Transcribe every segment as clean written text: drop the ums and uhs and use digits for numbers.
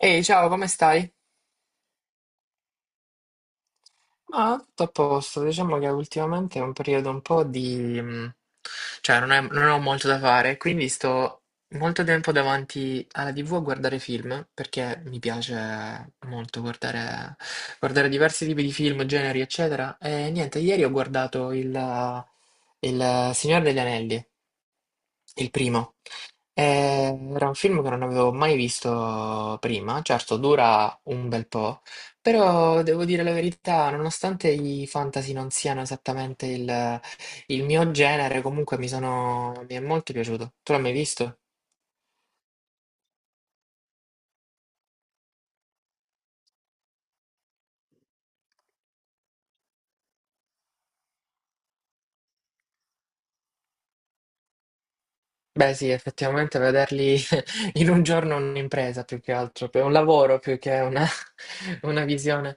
Ehi, ciao, come stai? Ma tutto a posto, diciamo che ultimamente è un periodo un po' di... cioè non ho molto da fare, quindi sto molto tempo davanti alla TV a guardare film, perché mi piace molto guardare diversi tipi di film, generi, eccetera. E niente, ieri ho guardato il Signore degli Anelli, il primo. Era un film che non avevo mai visto prima, certo dura un bel po', però devo dire la verità, nonostante i fantasy non siano esattamente il mio genere, comunque mi è molto piaciuto. Tu l'hai mai visto? Beh sì, effettivamente vederli in un giorno è un'impresa più che altro, è un lavoro più che una visione.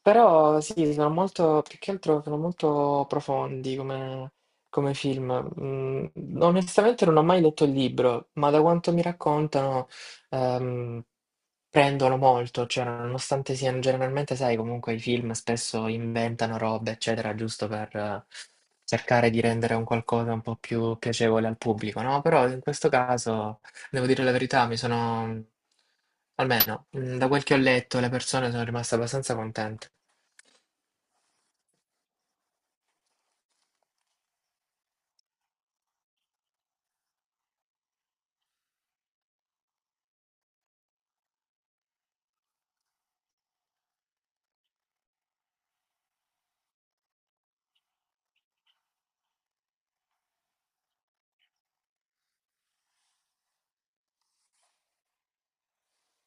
Però sì, sono molto più che altro sono molto profondi come film. Mhmm, onestamente non ho mai letto il libro, ma da quanto mi raccontano, ehm, prendono molto, cioè nonostante siano generalmente sai comunque i film spesso inventano robe, eccetera, giusto per cercare di rendere un qualcosa un po' più piacevole al pubblico, no, però in questo caso, devo dire la verità, mi sono almeno, da quel che ho letto, le persone sono rimaste abbastanza contente.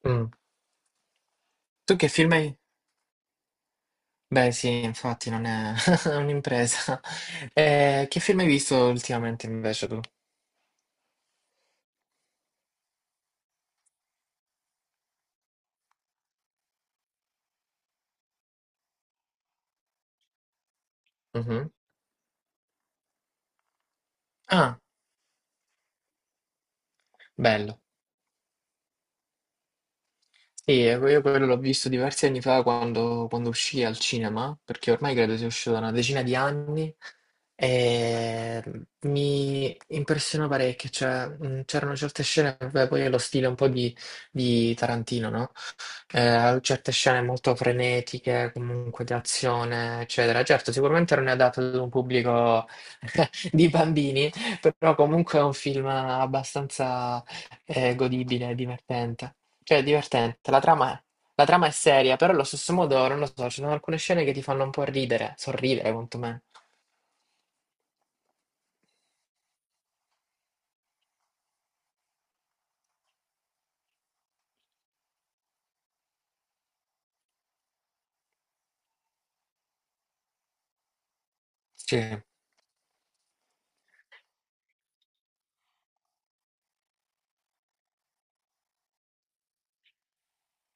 Mm. Tu che film hai? Beh, sì, infatti non è un'impresa. Che film hai visto ultimamente invece tu? Mhm. Ah, bello. Sì, io quello l'ho visto diversi anni fa quando uscì al cinema, perché ormai credo sia uscito da una decina di anni, e mi impressionò parecchio, cioè, c'erano certe scene, vabbè, poi è lo stile un po' di Tarantino, no? Certe scene molto frenetiche, comunque di azione, eccetera. Certo, sicuramente non è adatto ad un pubblico di bambini, però comunque è un film abbastanza godibile, e divertente. Cioè, è divertente. La trama è seria, però allo stesso modo, non lo so, ci sono alcune scene che ti fanno un po' ridere, sorridere, quantomeno. Sì,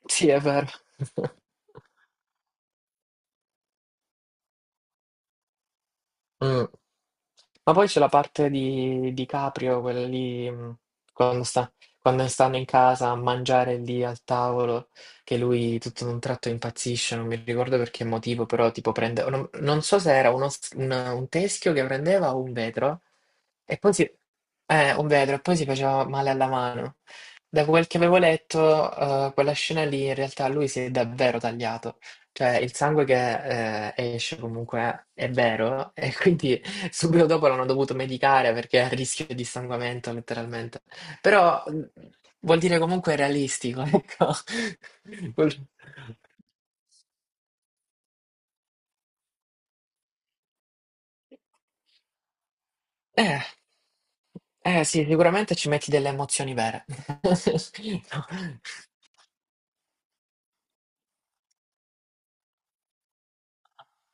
sì, è vero. Mm. Ma poi c'è la parte di Caprio, quella lì, quando sta, quando stanno in casa a mangiare lì al tavolo, che lui tutto d'un tratto impazzisce, non mi ricordo per che motivo, però tipo prende, non so se era un teschio che prendeva o un vetro, e poi si, un vetro, e poi si faceva male alla mano. Da quel che avevo letto, quella scena lì in realtà lui si è davvero tagliato. Cioè, il sangue che esce comunque è vero, e quindi subito dopo l'hanno dovuto medicare perché è a rischio di sanguinamento letteralmente. Però vuol dire comunque realistico, ecco. Quel- Eh, eh, sì, sicuramente ci metti delle emozioni vere. No,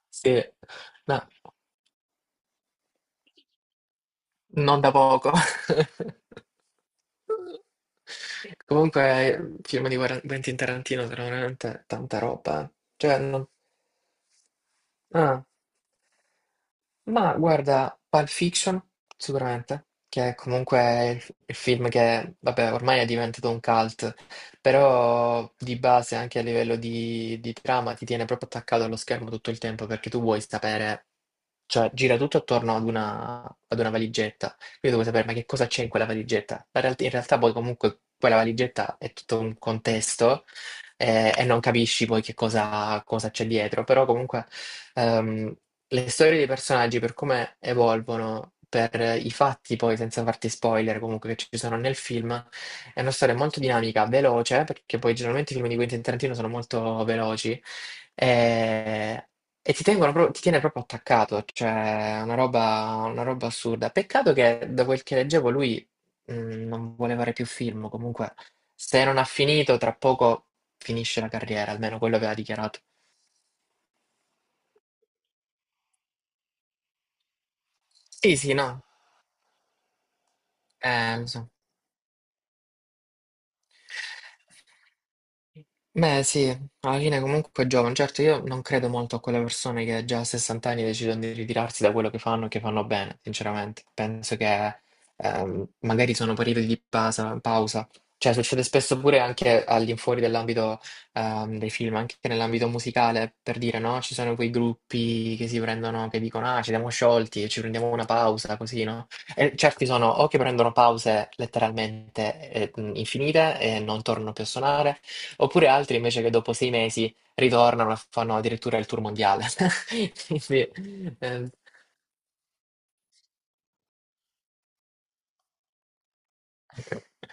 sì, no, non da poco. Comunque, film di Quentin Tarantino sono veramente tanta roba. Cioè, non... ah. Ma guarda, Pulp Fiction, sicuramente, che è comunque il film che, vabbè, ormai è diventato un cult, però di base anche a livello di trama ti tiene proprio attaccato allo schermo tutto il tempo perché tu vuoi sapere, cioè gira tutto attorno ad una valigetta, quindi tu vuoi sapere ma che cosa c'è in quella valigetta. In realtà poi comunque quella valigetta è tutto un contesto e non capisci poi che cosa c'è dietro, però comunque... ehm, le storie dei personaggi per come evolvono, per i fatti poi, senza farti spoiler comunque che ci sono nel film, è una storia molto dinamica, veloce, perché poi generalmente i film di Quentin Tarantino sono molto veloci, e, e ti tiene proprio attaccato, cioè è una roba assurda. Peccato che da quel che leggevo lui mh, non vuole fare più film, comunque se non ha finito, tra poco finisce la carriera, almeno quello aveva dichiarato. Sì, sì, no, lo so. Beh sì, alla fine comunque è giovane, certo io non credo molto a quelle persone che già a 60 anni decidono di ritirarsi da quello che fanno e che fanno bene, sinceramente. Penso che magari sono periodi di pausa. Cioè succede spesso pure anche all'infuori dell'ambito dei film, anche nell'ambito musicale, per dire no, ci sono quei gruppi che si prendono, che dicono ah ci siamo sciolti e ci prendiamo una pausa, così no? E certi sono o che prendono pause letteralmente infinite e non tornano più a suonare, oppure altri invece che dopo 6 mesi ritornano e fanno addirittura il tour mondiale. Quindi,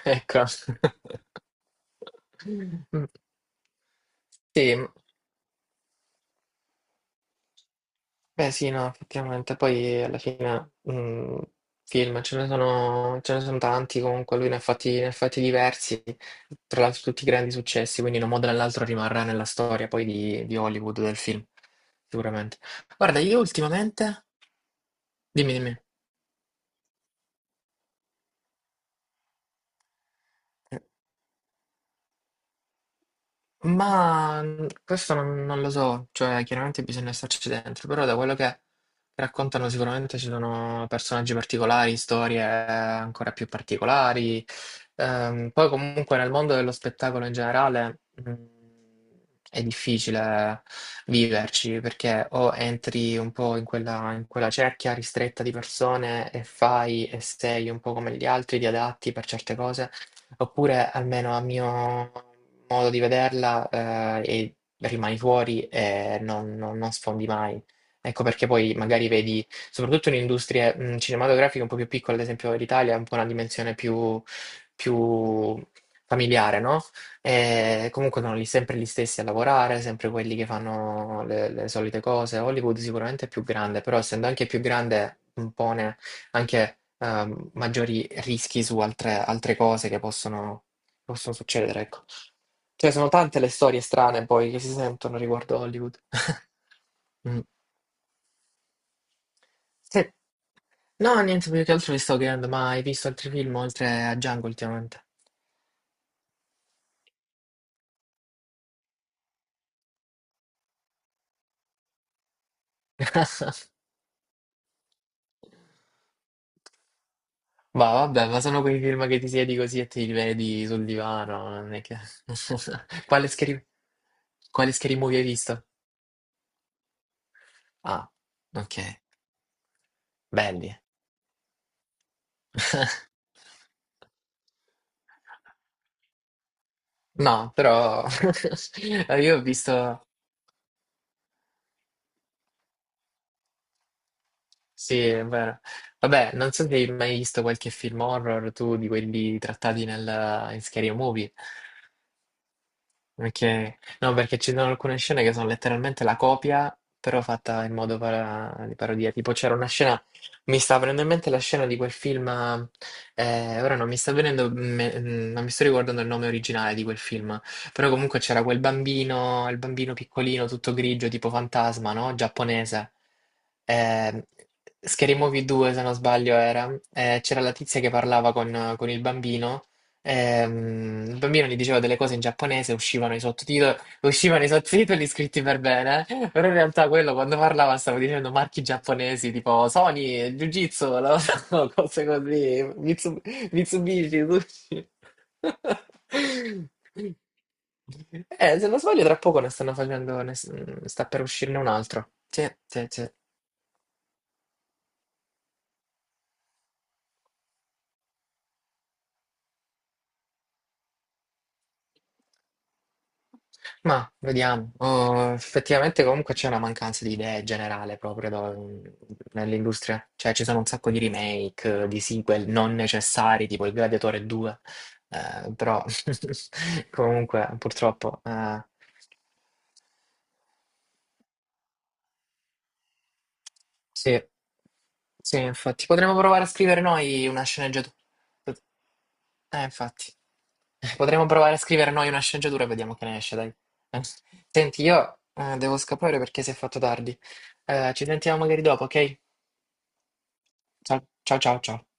ecco. Mm, sì, beh sì, no, effettivamente. Poi alla fine film ce ne sono tanti comunque, lui ne ha fatti diversi, tra l'altro tutti grandi successi, quindi in un modo o nell'altro rimarrà nella storia poi di Hollywood, del film, sicuramente. Guarda, io ultimamente... Dimmi, dimmi. Ma questo non lo so, cioè chiaramente bisogna starci dentro, però da quello che raccontano sicuramente ci sono personaggi particolari, storie ancora più particolari. Poi comunque nel mondo dello spettacolo in generale mm, è difficile viverci perché o entri un po' in in quella cerchia ristretta di persone e fai e sei un po' come gli altri, ti adatti per certe cose, oppure almeno a mio modo di vederla e rimani fuori e non sfondi mai. Ecco perché poi magari vedi, soprattutto in industrie cinematografiche un po' più piccole, ad esempio l'Italia ha un po' una dimensione più familiare, no? E comunque sono lì sempre gli stessi a lavorare, sempre quelli che fanno le solite cose. Hollywood sicuramente è più grande, però essendo anche più grande impone anche maggiori rischi su altre cose che possono succedere, ecco. Cioè, sono tante le storie strane poi che si sentono riguardo Hollywood. Mm. Sì. No, niente, più che altro mi sto chiedendo, ma hai visto altri film oltre a Django ultimamente? Ma vabbè, ma sono quei film che ti siedi così e ti rivedi sul divano, non è che... Quale scary... Quale scary movie hai visto? Ah, ok, belli. No, però io ho visto. Sì, è vero. Vabbè, non so se hai mai visto qualche film horror tu di quelli trattati in Scary Movie. Ok, no, perché ci sono alcune scene che sono letteralmente la copia, però fatta in modo di parodia. Tipo c'era una scena, mi sta venendo in mente la scena di quel film, ora non mi sta venendo, non mi sto ricordando il nome originale di quel film, però comunque c'era quel bambino, il bambino piccolino, tutto grigio, tipo fantasma, no? Giapponese. Eh, Scary Movie 2, se non sbaglio, era. C'era la tizia che parlava con il bambino. Il bambino gli diceva delle cose in giapponese, uscivano i sottotitoli scritti per bene, eh. Però in realtà quello quando parlava stava dicendo marchi giapponesi tipo Sony, Jiu-Jitsu, cose così, Mitsubishi, sushi. Se non sbaglio, tra poco ne stanno facendo, ne s- sta per uscirne un altro. Sì, sì, sì. Ma vediamo, oh, effettivamente comunque c'è una mancanza di idee generale proprio nell'industria, cioè ci sono un sacco di remake, di sequel non necessari, tipo il Gladiatore 2. Però comunque purtroppo sì, sì, infatti potremmo provare a scrivere noi una sceneggiatura. Infatti. Potremmo provare a scrivere noi una sceneggiatura e vediamo che ne esce, dai. Eh, Senti, io devo scappare perché si è fatto tardi. Ci sentiamo magari dopo, ok? Ciao ciao ciao. Ciao.